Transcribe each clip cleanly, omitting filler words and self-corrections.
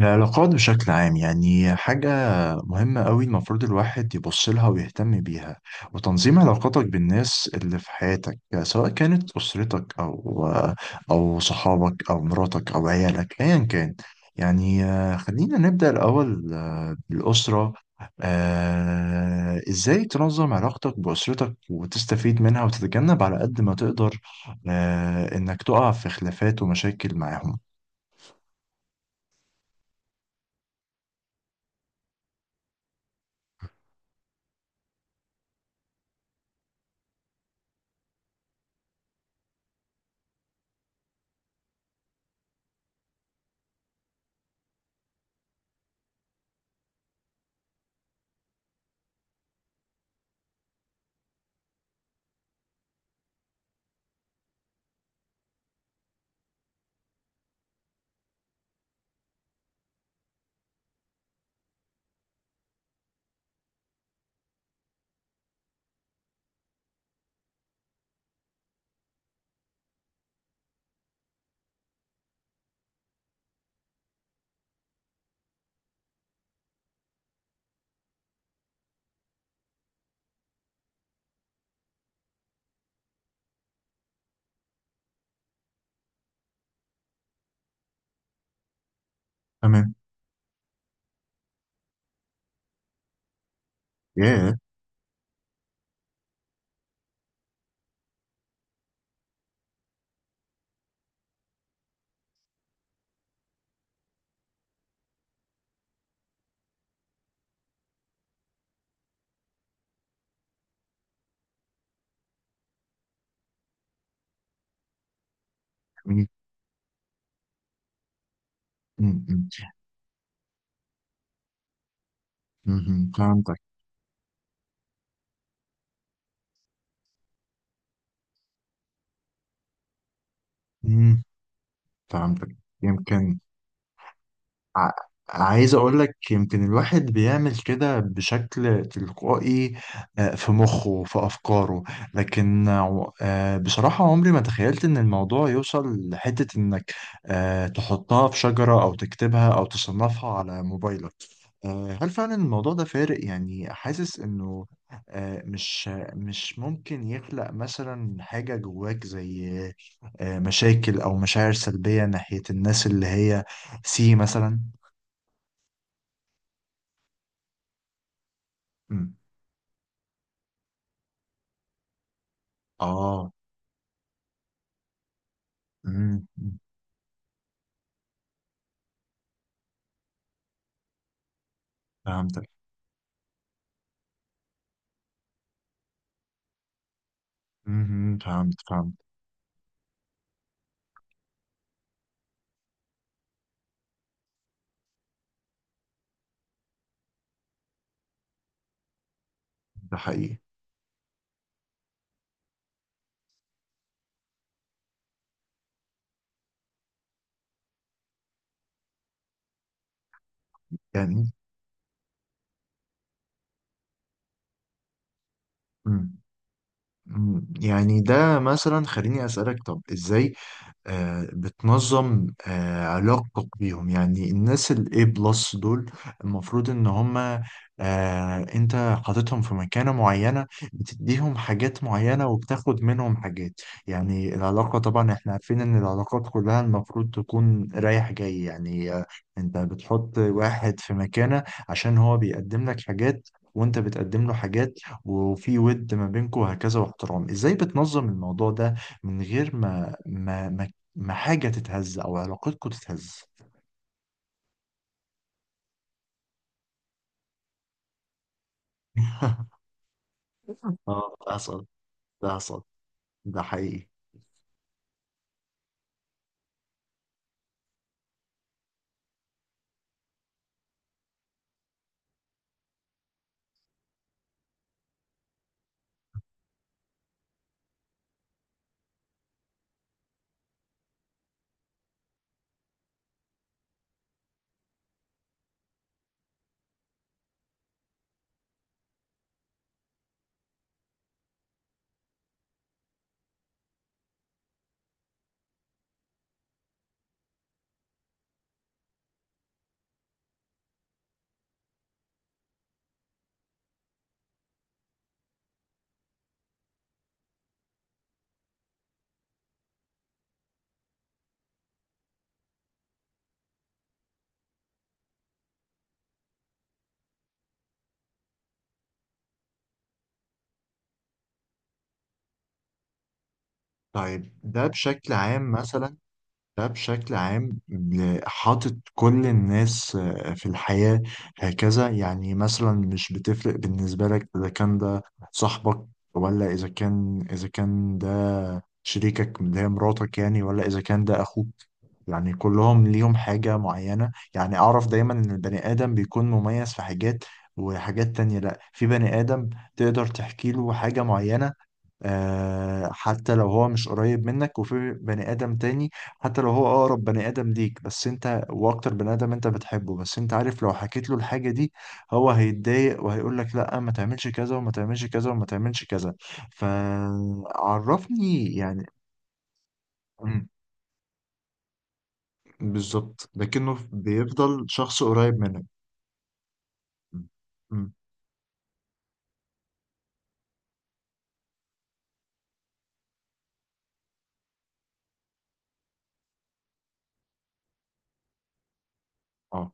العلاقات بشكل عام يعني حاجة مهمة قوي. المفروض الواحد يبص لها ويهتم بيها، وتنظيم علاقاتك بالناس اللي في حياتك سواء كانت أسرتك أو صحابك أو مراتك أو عيالك أيا كان. يعني خلينا نبدأ الأول بالأسرة. إزاي تنظم علاقتك بأسرتك وتستفيد منها وتتجنب على قد ما تقدر إنك تقع في خلافات ومشاكل معاهم. تمام. ياه. مم. مم. فهمتك. مم. فهمتك. يمكن ع... عايز اقول لك يمكن الواحد بيعمل كده بشكل تلقائي. في مخه، في افكاره. لكن بصراحة عمري ما تخيلت ان الموضوع يوصل لحتة انك تحطها في شجرة او تكتبها او تصنفها على موبايلك. هل فعلا الموضوع ده فارق؟ يعني حاسس انه مش ممكن يخلق مثلا حاجة جواك زي مشاكل او مشاعر سلبية ناحية الناس اللي هي سي مثلا. مم. اه. مم. مم. فهمتك. مم. فهمت فهمت. ده حقيقي يعني. مم. مم. يعني ده مثلا، خليني اسألك طب ازاي بتنظم علاقتك بيهم؟ يعني الناس الاي بلس دول المفروض ان هما انت حاططهم في مكانة معينة، بتديهم حاجات معينة وبتاخد منهم حاجات. يعني العلاقة طبعا احنا عارفين ان العلاقات كلها المفروض تكون رايح جاي. يعني انت بتحط واحد في مكانة عشان هو بيقدم لك حاجات، وانت بتقدم له حاجات، وفي ود ما بينكم وهكذا واحترام. ازاي بتنظم الموضوع ده من غير ما حاجة تتهز أو علاقتكم تتهز؟ اه، ده حصل. ده حصل. ده حقيقي. طيب، ده بشكل عام مثلا. ده بشكل عام حاطط كل الناس في الحياة هكذا. يعني مثلا مش بتفرق بالنسبة لك إذا كان ده صاحبك، ولا إذا كان ده شريكك اللي هي مراتك يعني، ولا إذا كان ده أخوك. يعني كلهم ليهم حاجة معينة. يعني أعرف دايما إن البني آدم بيكون مميز في حاجات، وحاجات تانية لأ. في بني آدم تقدر تحكي له حاجة معينة حتى لو هو مش قريب منك، وفي بني آدم تاني حتى لو هو أقرب بني آدم ليك، بس أنت وأكتر بني آدم أنت بتحبه، بس أنت عارف لو حكيت له الحاجة دي هو هيتضايق وهيقول لك لأ ما تعملش كذا وما تعملش كذا وما تعملش كذا. فعرفني يعني. مم. بالظبط، لكنه بيفضل شخص قريب منك. مم. مم. اه.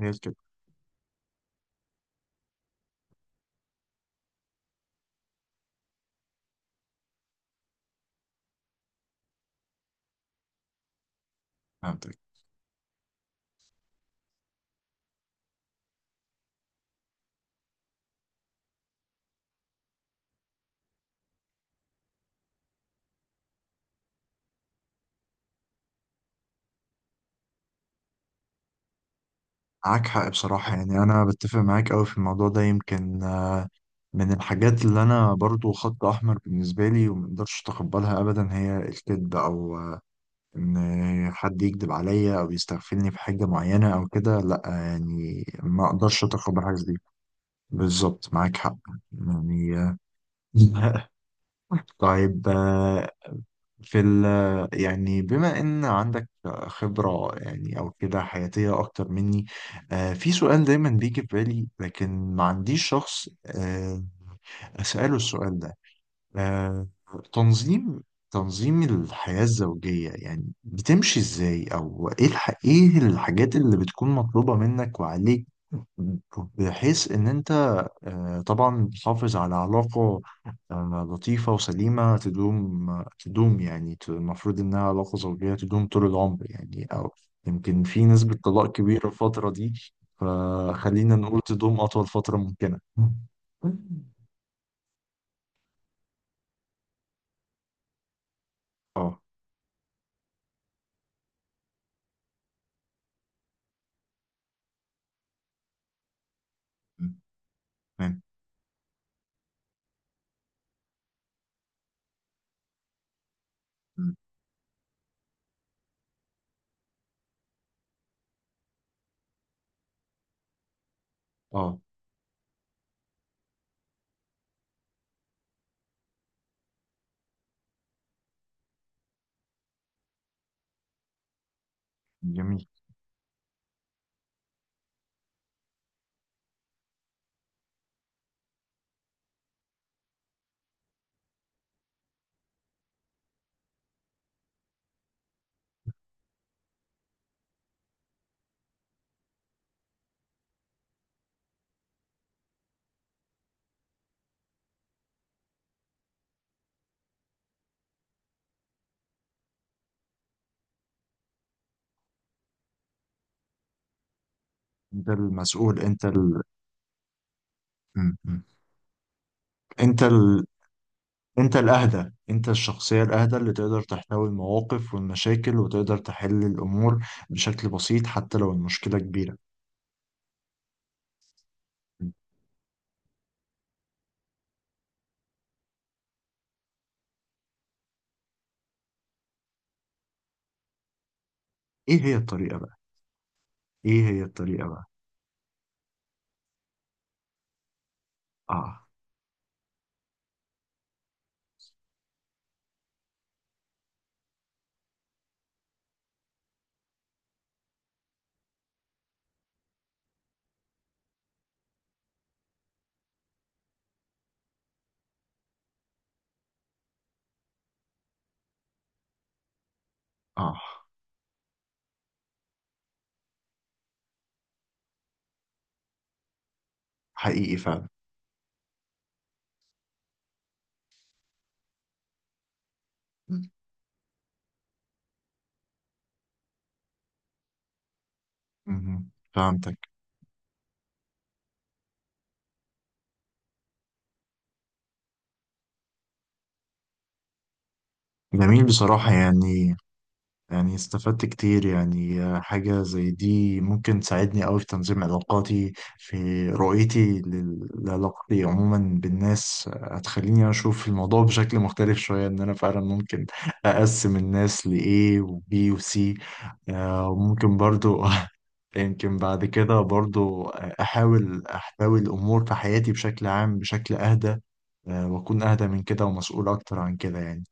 هي كده. فهمتك. معاك حق بصراحة. يعني أنا بتفق معاك أوي في الموضوع ده. يمكن من الحاجات اللي أنا برضو خط أحمر بالنسبة لي ومقدرش أتقبلها أبدا هي الكذب، أو إن حد يكذب عليا أو يستغفلني في حاجة معينة أو كده. لأ يعني ما أقدرش أتقبل حاجة زي دي. بالظبط، معاك حق. يعني طيب في ال يعني بما ان عندك خبرة يعني او كده حياتية اكتر مني. في سؤال دايما بيجي في بالي لكن ما عنديش شخص اسأله السؤال ده. آه، تنظيم الحياة الزوجية يعني بتمشي ازاي، او ايه ايه الحاجات اللي بتكون مطلوبة منك وعليك؟ بحيث ان انت طبعا تحافظ على علاقة لطيفة وسليمة تدوم. يعني المفروض إنها علاقة زوجية تدوم طول العمر يعني، أو يمكن في نسبة طلاق كبيرة الفترة دي. فخلينا نقول تدوم أطول فترة ممكنة. اه. تمام. اه. جميل. انت المسؤول. م- م. انت ال... انت الاهدى، انت الشخصية الاهدى اللي تقدر تحتوي المواقف والمشاكل وتقدر تحل الامور بشكل بسيط حتى لو المشكلة كبيرة. ايه هي الطريقة بقى؟ ايه هي الطريقة بقى؟ اه. اه. حقيقي فعلا. مهم. فهمتك. جميل بصراحة يعني. يعني استفدت كتير. يعني حاجة زي دي ممكن تساعدني أوي في تنظيم علاقاتي، في رؤيتي لعلاقتي عموما بالناس. هتخليني أشوف الموضوع بشكل مختلف شوية، إن أنا فعلا ممكن أقسم الناس لإيه وبي وسي. وممكن برضو يمكن بعد كده برضو أحاول أحتوي الأمور في حياتي بشكل عام بشكل أهدى. وأكون أهدى من كده ومسؤول أكتر عن كده يعني.